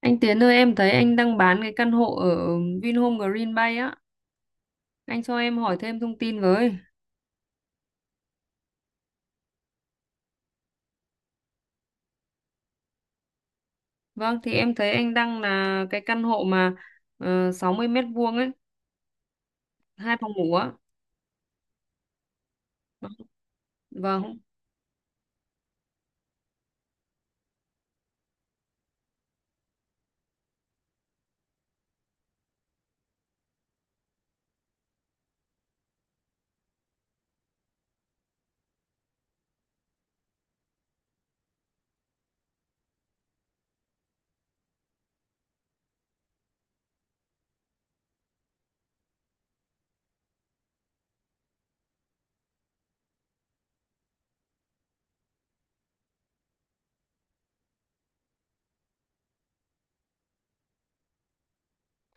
Anh Tiến ơi, em thấy anh đang bán cái căn hộ ở Vinhome Green Bay á. Anh cho em hỏi thêm thông tin với. Vâng, thì em thấy anh đang là cái căn hộ mà 60 mét vuông ấy, hai phòng ngủ á. Vâng.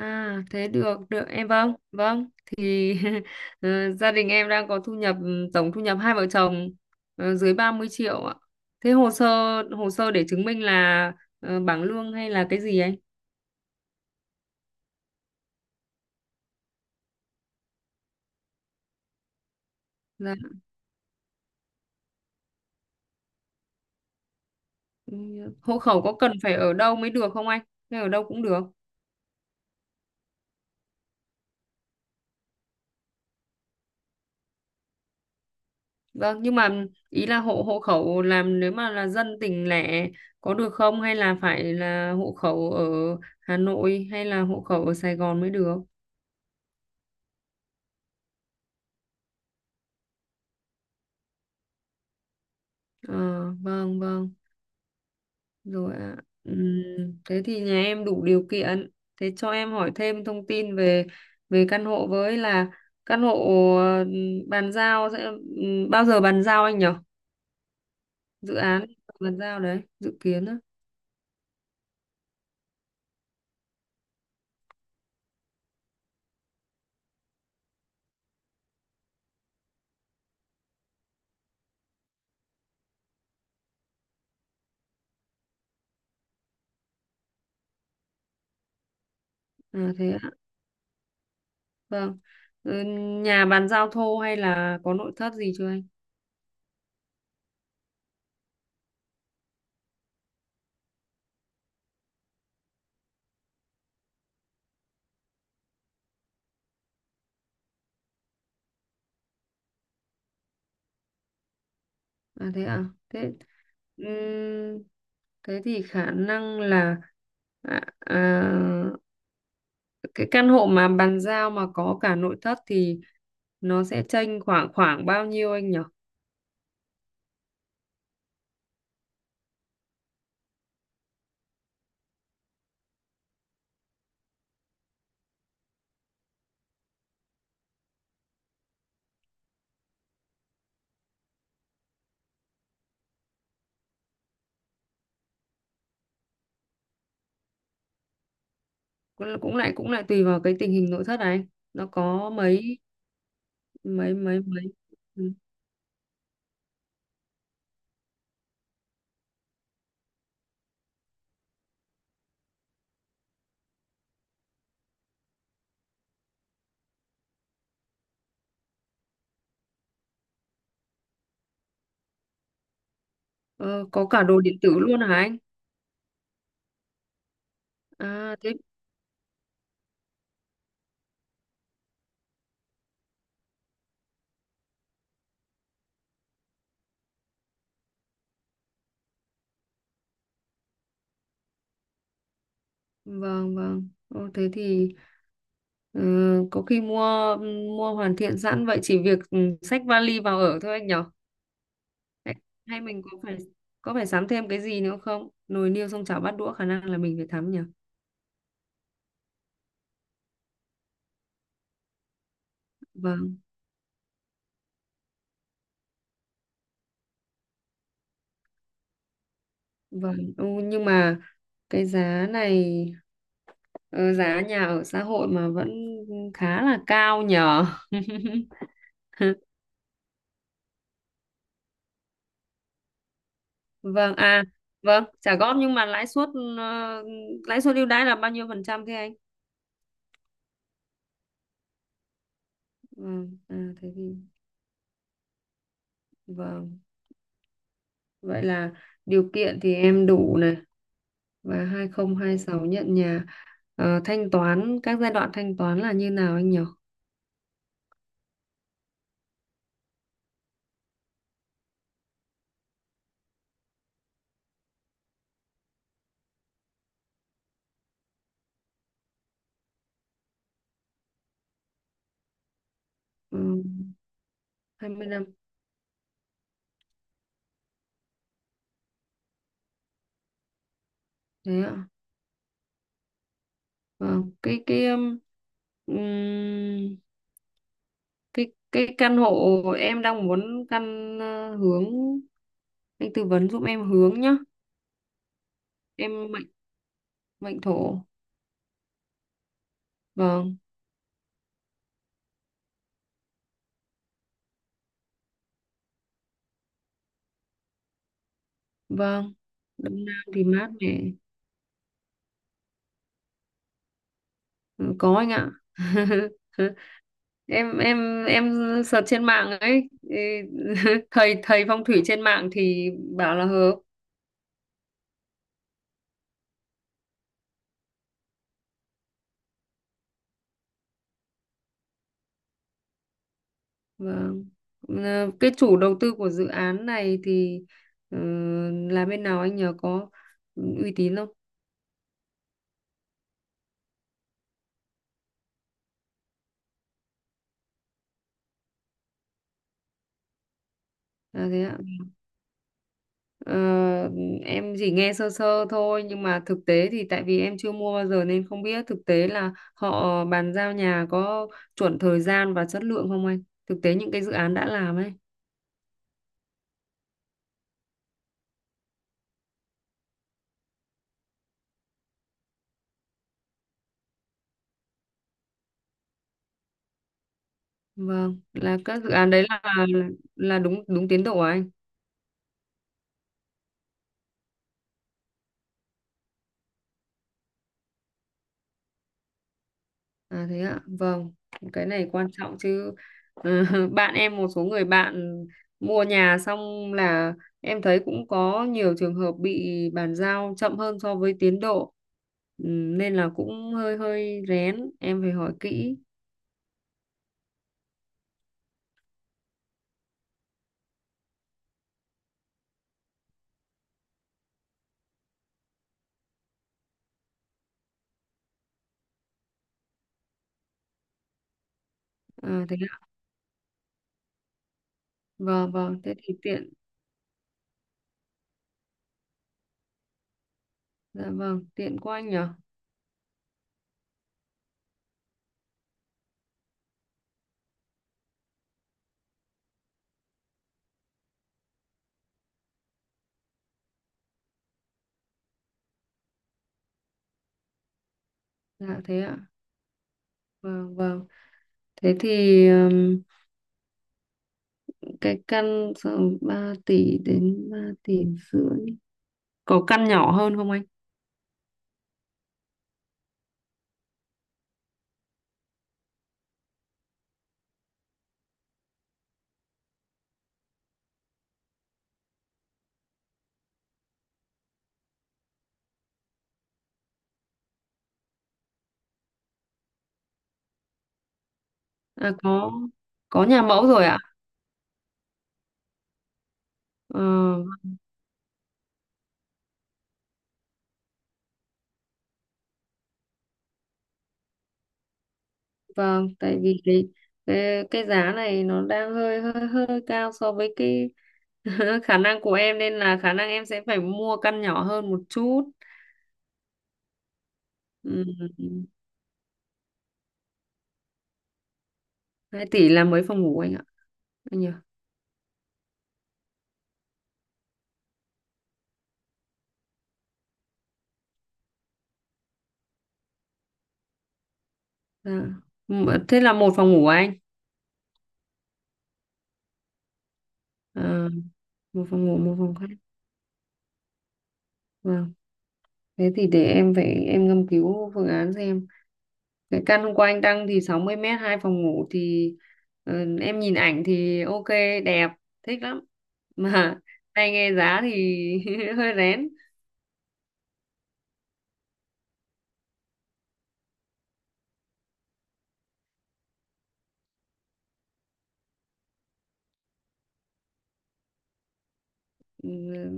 À, thế được, được, em vâng, vâng. Thì gia đình em đang có thu nhập tổng thu nhập hai vợ chồng, dưới 30 triệu ạ. Thế hồ sơ để chứng minh là, bảng lương hay là cái gì anh? Dạ. Ừ, hộ khẩu có cần phải ở đâu mới được không anh? Hay ở đâu cũng được. Vâng, nhưng mà ý là hộ hộ khẩu làm nếu mà là dân tỉnh lẻ có được không hay là phải là hộ khẩu ở Hà Nội hay là hộ khẩu ở Sài Gòn mới được? Ờ, vâng, vâng, rồi ạ. Ừm, thế thì nhà em đủ điều kiện. Thế cho em hỏi thêm thông tin về về căn hộ với là căn hộ ờ, bàn giao sẽ, bao giờ bàn giao anh nhỉ? Dự án bàn giao đấy, dự kiến á. À, thế ạ. Vâng. Ừ, nhà bàn giao thô hay là có nội thất gì chưa anh? À thế à? Thế, ừm, thế thì khả năng là à, à, cái căn hộ mà bàn giao mà có cả nội thất thì nó sẽ chênh khoảng khoảng bao nhiêu anh nhỉ? Cũng lại tùy vào cái tình hình nội thất này anh. Nó có mấy mấy ừ. Ờ, có cả đồ điện tử luôn hả anh? À thế, vâng vâng. Ô, thế thì, ừ, có khi mua mua hoàn thiện sẵn vậy chỉ việc xách vali vào ở thôi anh nhở? Hay, hay mình có phải sắm thêm cái gì nữa không, nồi niêu xong chảo bát đũa khả năng là mình phải sắm nhở? Vâng vâng. Ừ, nhưng mà cái giá này, ờ, giá nhà ở xã hội mà vẫn khá là cao nhở. Vâng à vâng, trả góp nhưng mà lãi suất, ờ, lãi suất ưu đãi là bao nhiêu phần trăm thế anh? Ừ, à, thế thì vâng, vậy là điều kiện thì em đủ này, và 2026 nhận nhà. Ờ, thanh toán các giai đoạn thanh toán là như nào anh nhỉ? Ừ, 20 năm. Thế ạ. Vâng, ừm, cái căn hộ em đang muốn căn, hướng, anh tư vấn giúp em hướng nhá. Em mệnh mệnh thổ. Vâng, vâng. Đông Nam thì mát mẻ. Ừ, có anh ạ. Em em search trên mạng ấy ý, thầy thầy phong thủy trên mạng thì bảo là hợp. Vâng. Ờ, cái chủ đầu tư của dự án này thì, ờ, là bên nào anh nhờ, có uy tín không? À, thế ạ. Ờ, em chỉ nghe sơ sơ thôi nhưng mà thực tế thì tại vì em chưa mua bao giờ nên không biết thực tế là họ bàn giao nhà có chuẩn thời gian và chất lượng không anh, thực tế những cái dự án đã làm ấy. Vâng, là các dự án đấy là đúng đúng tiến độ à anh? À thế ạ. Vâng, cái này quan trọng chứ. Ờ, bạn em, một số người bạn mua nhà xong là em thấy cũng có nhiều trường hợp bị bàn giao chậm hơn so với tiến độ. Nên là cũng hơi hơi rén, em phải hỏi kỹ. À thế ạ. Vâng vâng, thế thì tiện. Dạ vâng, tiện quá anh nhở. Dạ thế ạ. Vâng vâng. Thế thì, cái căn tầm 3 tỷ đến 3 tỷ rưỡi, có căn nhỏ hơn không anh? À có nhà mẫu rồi ạ. ờ, vâng, tại vì cái giá này nó đang hơi hơi hơi cao so với cái, khả năng của em nên là khả năng em sẽ phải mua căn nhỏ hơn một chút. Ừ, 2 tỷ là mấy phòng ngủ anh ạ, anh nhỉ? Dạ. M- thế là một phòng ngủ à anh? Ờ, một phòng ngủ một phòng khách. Vâng, thế thì để em phải em ngâm cứu phương án xem. Cái căn hôm qua anh đăng thì 60 mét hai phòng ngủ thì, ờ, em nhìn ảnh thì ok, đẹp, thích lắm, mà hay nghe giá thì hơi rén. Ừ,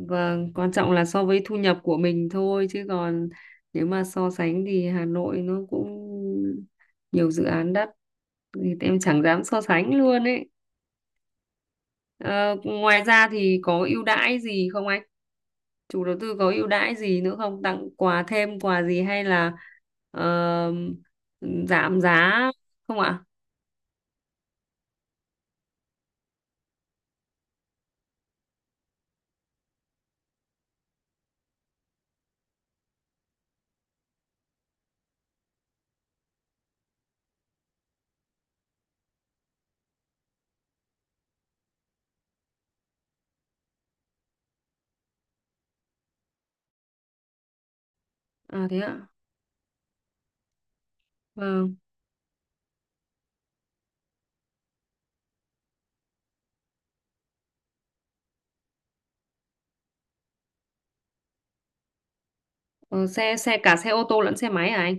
vâng, quan trọng là so với thu nhập của mình thôi chứ còn nếu mà so sánh thì Hà Nội nó cũng nhiều dự án đắt thì em chẳng dám so sánh luôn ấy. Ờ, ngoài ra thì có ưu đãi gì không anh, chủ đầu tư có ưu đãi gì nữa không, tặng quà thêm quà gì hay là, ờ, giảm giá không ạ? À thế ạ, vâng. Ờ, xe xe cả xe ô tô lẫn xe máy à anh?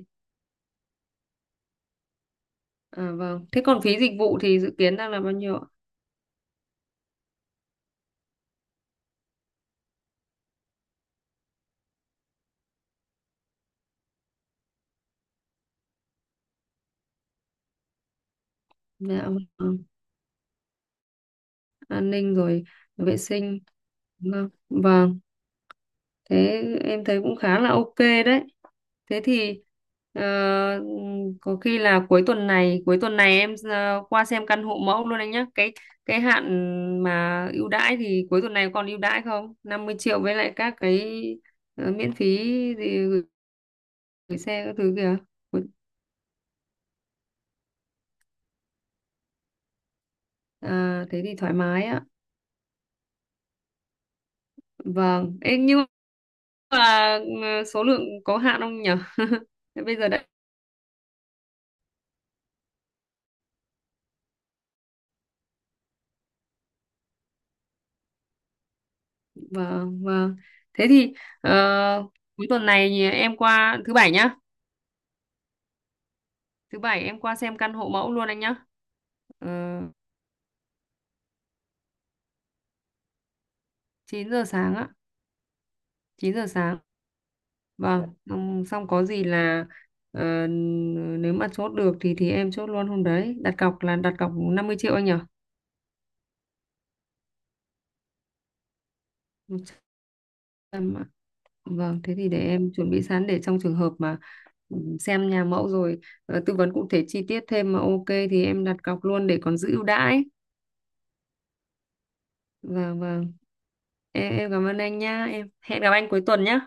À vâng, thế còn phí dịch vụ thì dự kiến đang là bao nhiêu ạ? Dạ, vâng. An ninh rồi, vệ sinh. Vâng vâng, thế em thấy cũng khá là ok đấy. Thế thì, ờ, có khi là cuối tuần này em, qua xem căn hộ mẫu luôn anh nhé. Cái hạn mà ưu đãi thì cuối tuần này còn ưu đãi không? Năm mươi triệu với lại các cái, miễn phí gì gửi, gửi xe các thứ kìa. À, thế thì thoải mái á. Vâng. Ê, nhưng mà, số lượng có hạn không nhỉ? Thế bây giờ đấy, vâng vâng. Thế thì, ờ, cuối tuần này thì em qua thứ bảy nhá. Thứ bảy em qua xem căn hộ mẫu luôn anh nhá. Ờ, 9 giờ sáng á, 9 giờ sáng. Vâng, xong, có gì là, ờ, nếu mà chốt được thì em chốt luôn hôm đấy. Đặt cọc là đặt cọc 50 triệu anh nhỉ? 100 triệu ạ. Vâng, thế thì để em chuẩn bị sẵn để trong trường hợp mà, xem nhà mẫu rồi, tư vấn cụ thể chi tiết thêm mà ok thì em đặt cọc luôn để còn giữ ưu đãi. Vâng vâng. Em cảm ơn anh nhá. Em hẹn gặp anh cuối tuần nhá.